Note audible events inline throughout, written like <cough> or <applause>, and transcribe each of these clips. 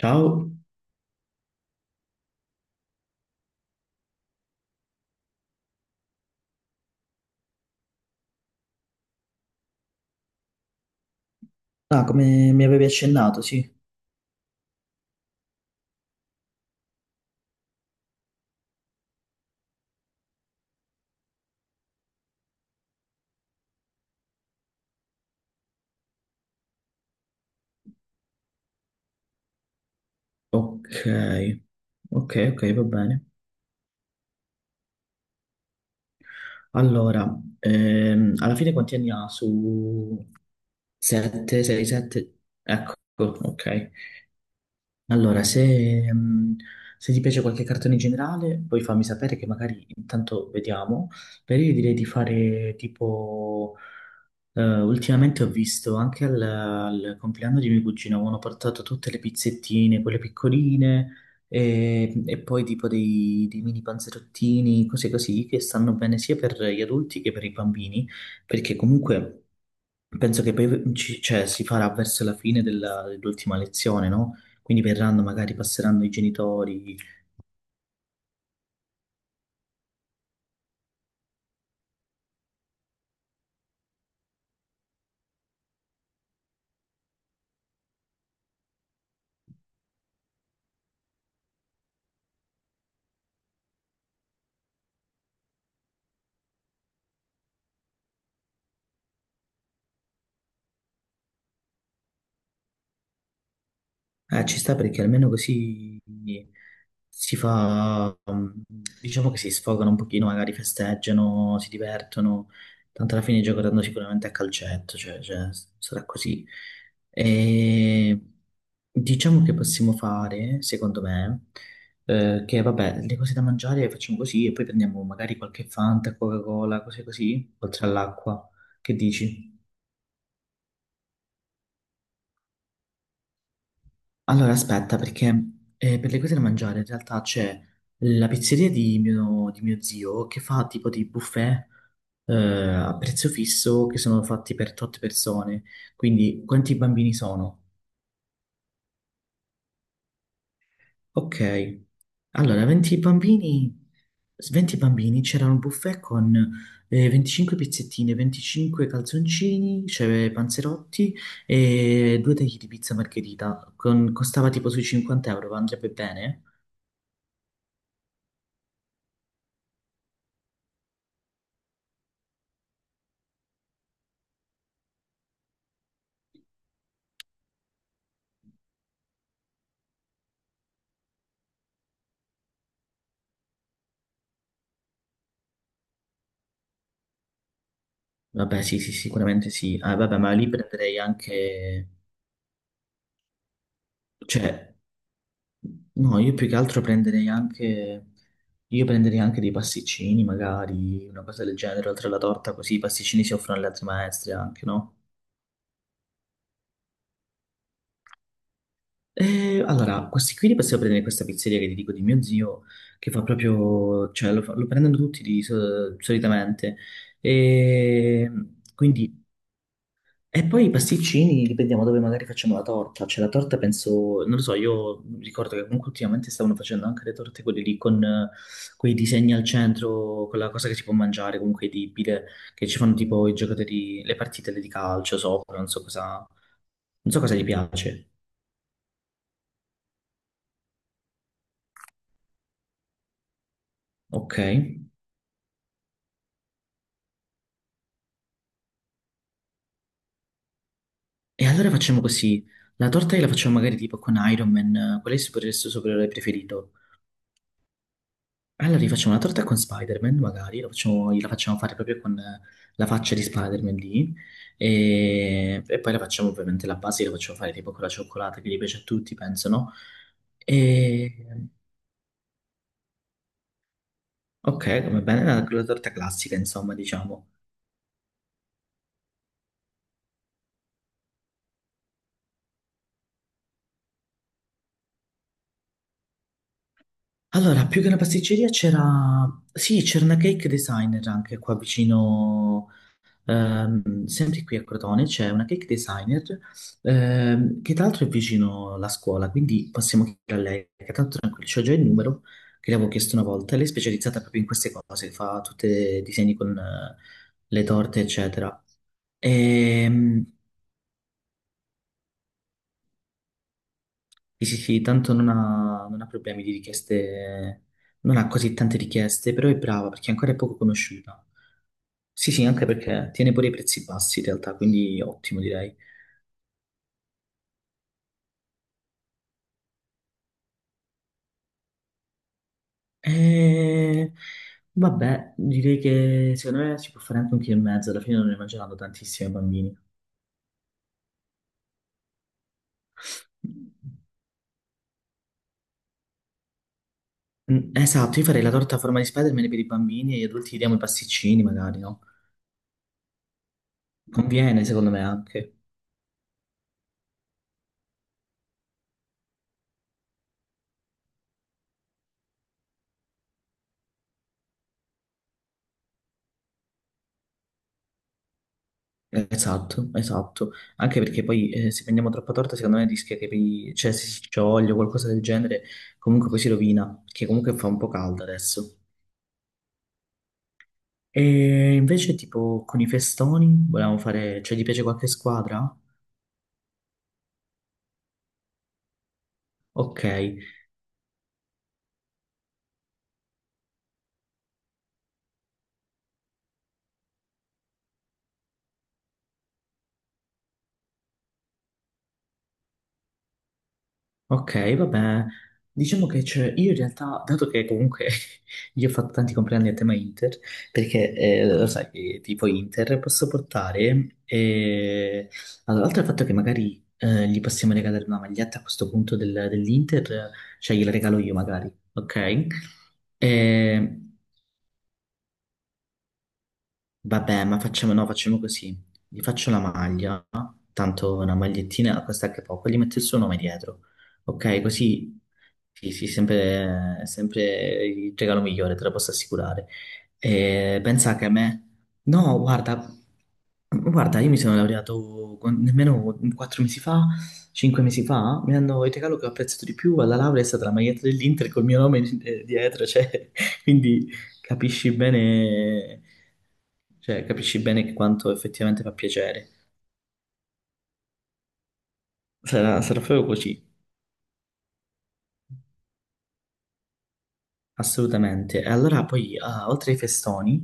Ciao. Ah, come mi avevi accennato, sì. Ok, ok, ok, va bene. Allora, alla fine quanti anni ha su 7, 6, 7? Ecco, ok. Allora, se ti piace qualche cartone in generale, poi fammi sapere che magari intanto vediamo. Per io direi di fare tipo. Ultimamente ho visto anche al compleanno di mio cugino, avevano portato tutte le pizzettine, quelle piccoline, e poi tipo dei mini panzerottini, cose così, che stanno bene sia per gli adulti che per i bambini, perché comunque. Penso che poi cioè, si farà verso la fine dell'ultima lezione, no? Quindi verranno, magari passeranno i genitori. Ci sta perché almeno così si fa, diciamo che si sfogano un pochino, magari festeggiano, si divertono, tanto alla fine giocheranno sicuramente a calcetto, cioè, sarà così. E diciamo che possiamo fare, secondo me, che vabbè, le cose da mangiare le facciamo così e poi prendiamo magari qualche Fanta, Coca-Cola, cose così, oltre all'acqua. Che dici? Allora, aspetta, perché per le cose da mangiare in realtà c'è la pizzeria di mio zio che fa tipo dei buffet a prezzo fisso che sono fatti per tot persone. Quindi, quanti bambini sono? Ok. Allora, 20 bambini, 20 bambini, c'era un buffet con 25 pizzettine, 25 calzoncini, c'era panzerotti e due tagli di pizza margherita. Costava tipo sui 50 euro, ma andrebbe bene? Vabbè, sì, sì, sicuramente sì. Ah, vabbè, ma lì prenderei anche. Cioè, no, io più che altro prenderei anche. Io prenderei anche dei pasticcini, magari, una cosa del genere, oltre alla torta, così i pasticcini si offrono alle altre maestre anche, no? Allora, questi qui li possiamo prendere in questa pizzeria che ti dico di mio zio, che fa proprio. Cioè, lo, lo prendono tutti di, solitamente. E quindi e poi i pasticcini dipendiamo dove magari facciamo la torta. Cioè, la torta penso, non lo so, io ricordo che comunque ultimamente stavano facendo anche le torte quelle lì con quei disegni al centro, quella cosa che si può mangiare, comunque edibile, che ci fanno tipo i giocatori, le partite di calcio sopra, non so cosa, non so cosa gli piace. Ok. E allora facciamo così. La torta la facciamo magari tipo con Iron Man, qual è il supereroe preferito? Allora rifacciamo una torta con Spider-Man, magari, la facciamo fare proprio con la faccia di Spider-Man lì, e poi la facciamo ovviamente la base, la facciamo fare tipo con la cioccolata che gli piace a tutti, penso, no? E, ok, come bene, la torta classica, insomma, diciamo. Allora, più che una pasticceria c'era. Sì, c'era una cake designer anche qua vicino. Sempre qui a Crotone c'è una cake designer, che tra l'altro è vicino alla scuola, quindi possiamo chiedere a lei, che tanto tranquillo, c'ho già il numero che le avevo chiesto una volta. Lei è specializzata proprio in queste cose, fa tutti i disegni con le torte, eccetera. Ehm, sì, sì, sì, tanto non ha problemi di richieste, non ha così tante richieste, però è brava perché ancora è poco conosciuta. Sì, sì, anche perché tiene pure i prezzi bassi in realtà, quindi ottimo direi. Eh, Vabbè, direi che secondo me si può fare anche un chilo e mezzo, alla fine non ne mangeranno tantissimi i bambini. Mm. Esatto, io farei la torta a forma di Spider-Man per i bambini e gli adulti gli diamo i pasticcini magari, no? Conviene secondo me anche. Esatto, esatto. Anche perché poi se prendiamo troppa torta secondo me rischia che cioè, se si scioglie o qualcosa del genere, comunque poi si rovina, perché comunque fa un po' caldo adesso. E invece tipo con i festoni volevamo fare, cioè gli piace qualche squadra? Ok, ok, vabbè, diciamo che c'è, io in realtà, dato che comunque <laughs> io ho fatto tanti compleanni a tema Inter, perché lo sai che tipo Inter posso portare, allora, oltre al fatto che magari gli possiamo regalare una maglietta a questo punto dell'Inter, cioè gliela regalo io magari, ok? Eh, Vabbè, ma facciamo, no, facciamo così. Gli faccio la maglia, tanto una magliettina costa anche poco, gli metto il suo nome dietro. Ok, così sì, sì, sempre, sempre il regalo migliore, te lo posso assicurare. E pensa che a me. No, guarda, guarda, io mi sono laureato nemmeno 4 mesi fa, 5 mesi fa, mi hanno il regalo che ho apprezzato di più alla laurea è stata la maglietta dell'Inter col mio nome dietro, cioè, <laughs> quindi capisci bene, cioè, capisci bene che quanto effettivamente fa piacere. Sarà proprio così, assolutamente. E allora poi, ah, oltre ai festoni,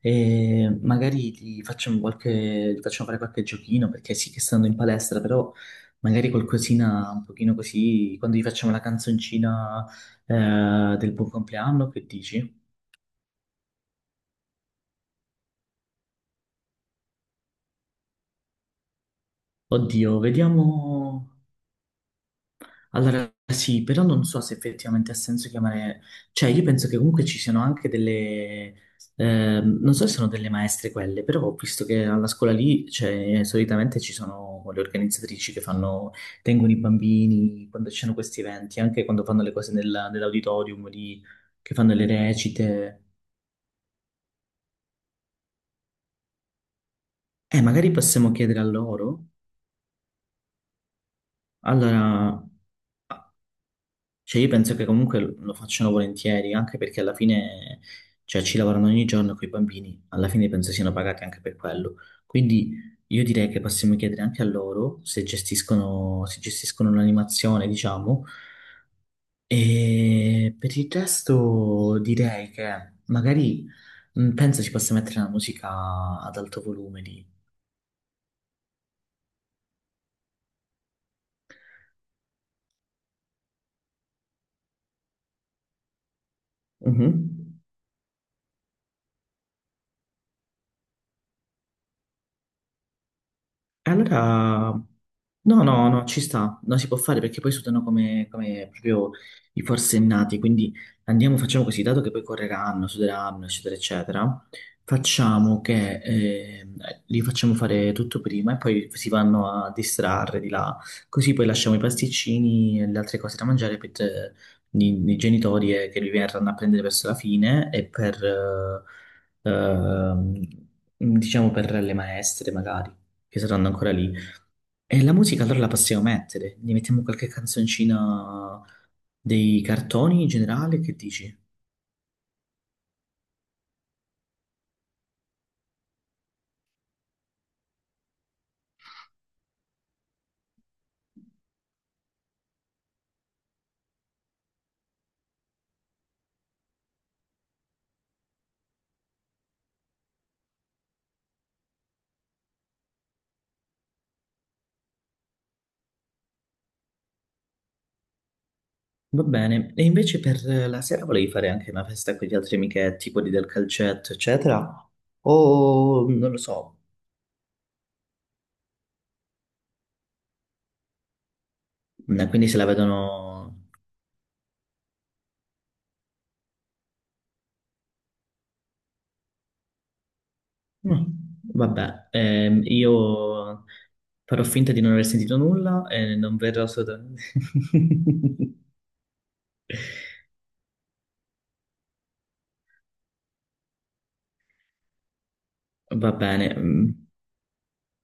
magari ti facciamo qualche, ti facciamo fare qualche giochino, perché sì che stando in palestra, però magari qualcosina un pochino così, quando gli facciamo la canzoncina, del buon compleanno, che dici? Oddio, vediamo. Allora sì, però non so se effettivamente ha senso chiamare, cioè io penso che comunque ci siano anche delle, non so se sono delle maestre quelle, però ho visto che alla scuola lì, cioè, solitamente ci sono le organizzatrici che fanno, tengono i bambini quando ci sono questi eventi, anche quando fanno le cose nell'auditorium lì, che fanno le recite. Magari possiamo chiedere a loro. Allora, cioè, io penso che comunque lo facciano volentieri, anche perché alla fine, cioè, ci lavorano ogni giorno con i bambini, alla fine penso siano pagati anche per quello. Quindi io direi che possiamo chiedere anche a loro se gestiscono l'animazione, diciamo. E per il resto direi che magari penso si possa mettere una musica ad alto volume lì. Mhm. E allora, no, no, no, ci sta, non si può fare perché poi sudano come proprio i forsennati, quindi andiamo, facciamo così, dato che poi correranno, suderanno, eccetera, eccetera, facciamo che li facciamo fare tutto prima e poi si vanno a distrarre di là, così poi lasciamo i pasticcini e le altre cose da mangiare per i genitori che li verranno a prendere verso la fine e per, eh, ehm, diciamo, per le maestre magari che saranno ancora lì. E la musica allora la possiamo mettere, gli mettiamo qualche canzoncina dei cartoni in generale, che dici? Va bene, e invece per la sera volevi fare anche una festa con gli altri amichetti, quelli del calcetto, eccetera? O non lo so. Quindi se la vedono. Mm, vabbè, io farò finta di non aver sentito nulla e non verrò assolutamente. <laughs> Va bene,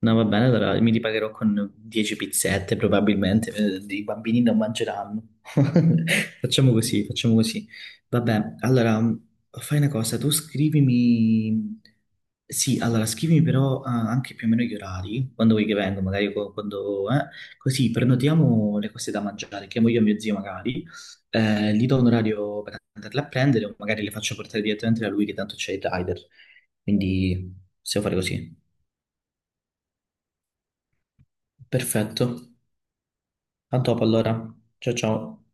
no, va bene, allora mi ripagherò con 10 pizzette probabilmente, i bambini non mangeranno. <laughs> Facciamo così, facciamo così. Vabbè, allora fai una cosa, tu scrivimi. Sì, allora scrivimi però ah, anche più o meno gli orari, quando vuoi che vengo, magari quando, così prenotiamo le cose da mangiare, chiamo io e mio zio magari, gli do un orario per andarle a prendere o magari le faccio portare direttamente da lui che tanto c'è il rider. Quindi possiamo fare così. Perfetto. A dopo allora. Ciao ciao.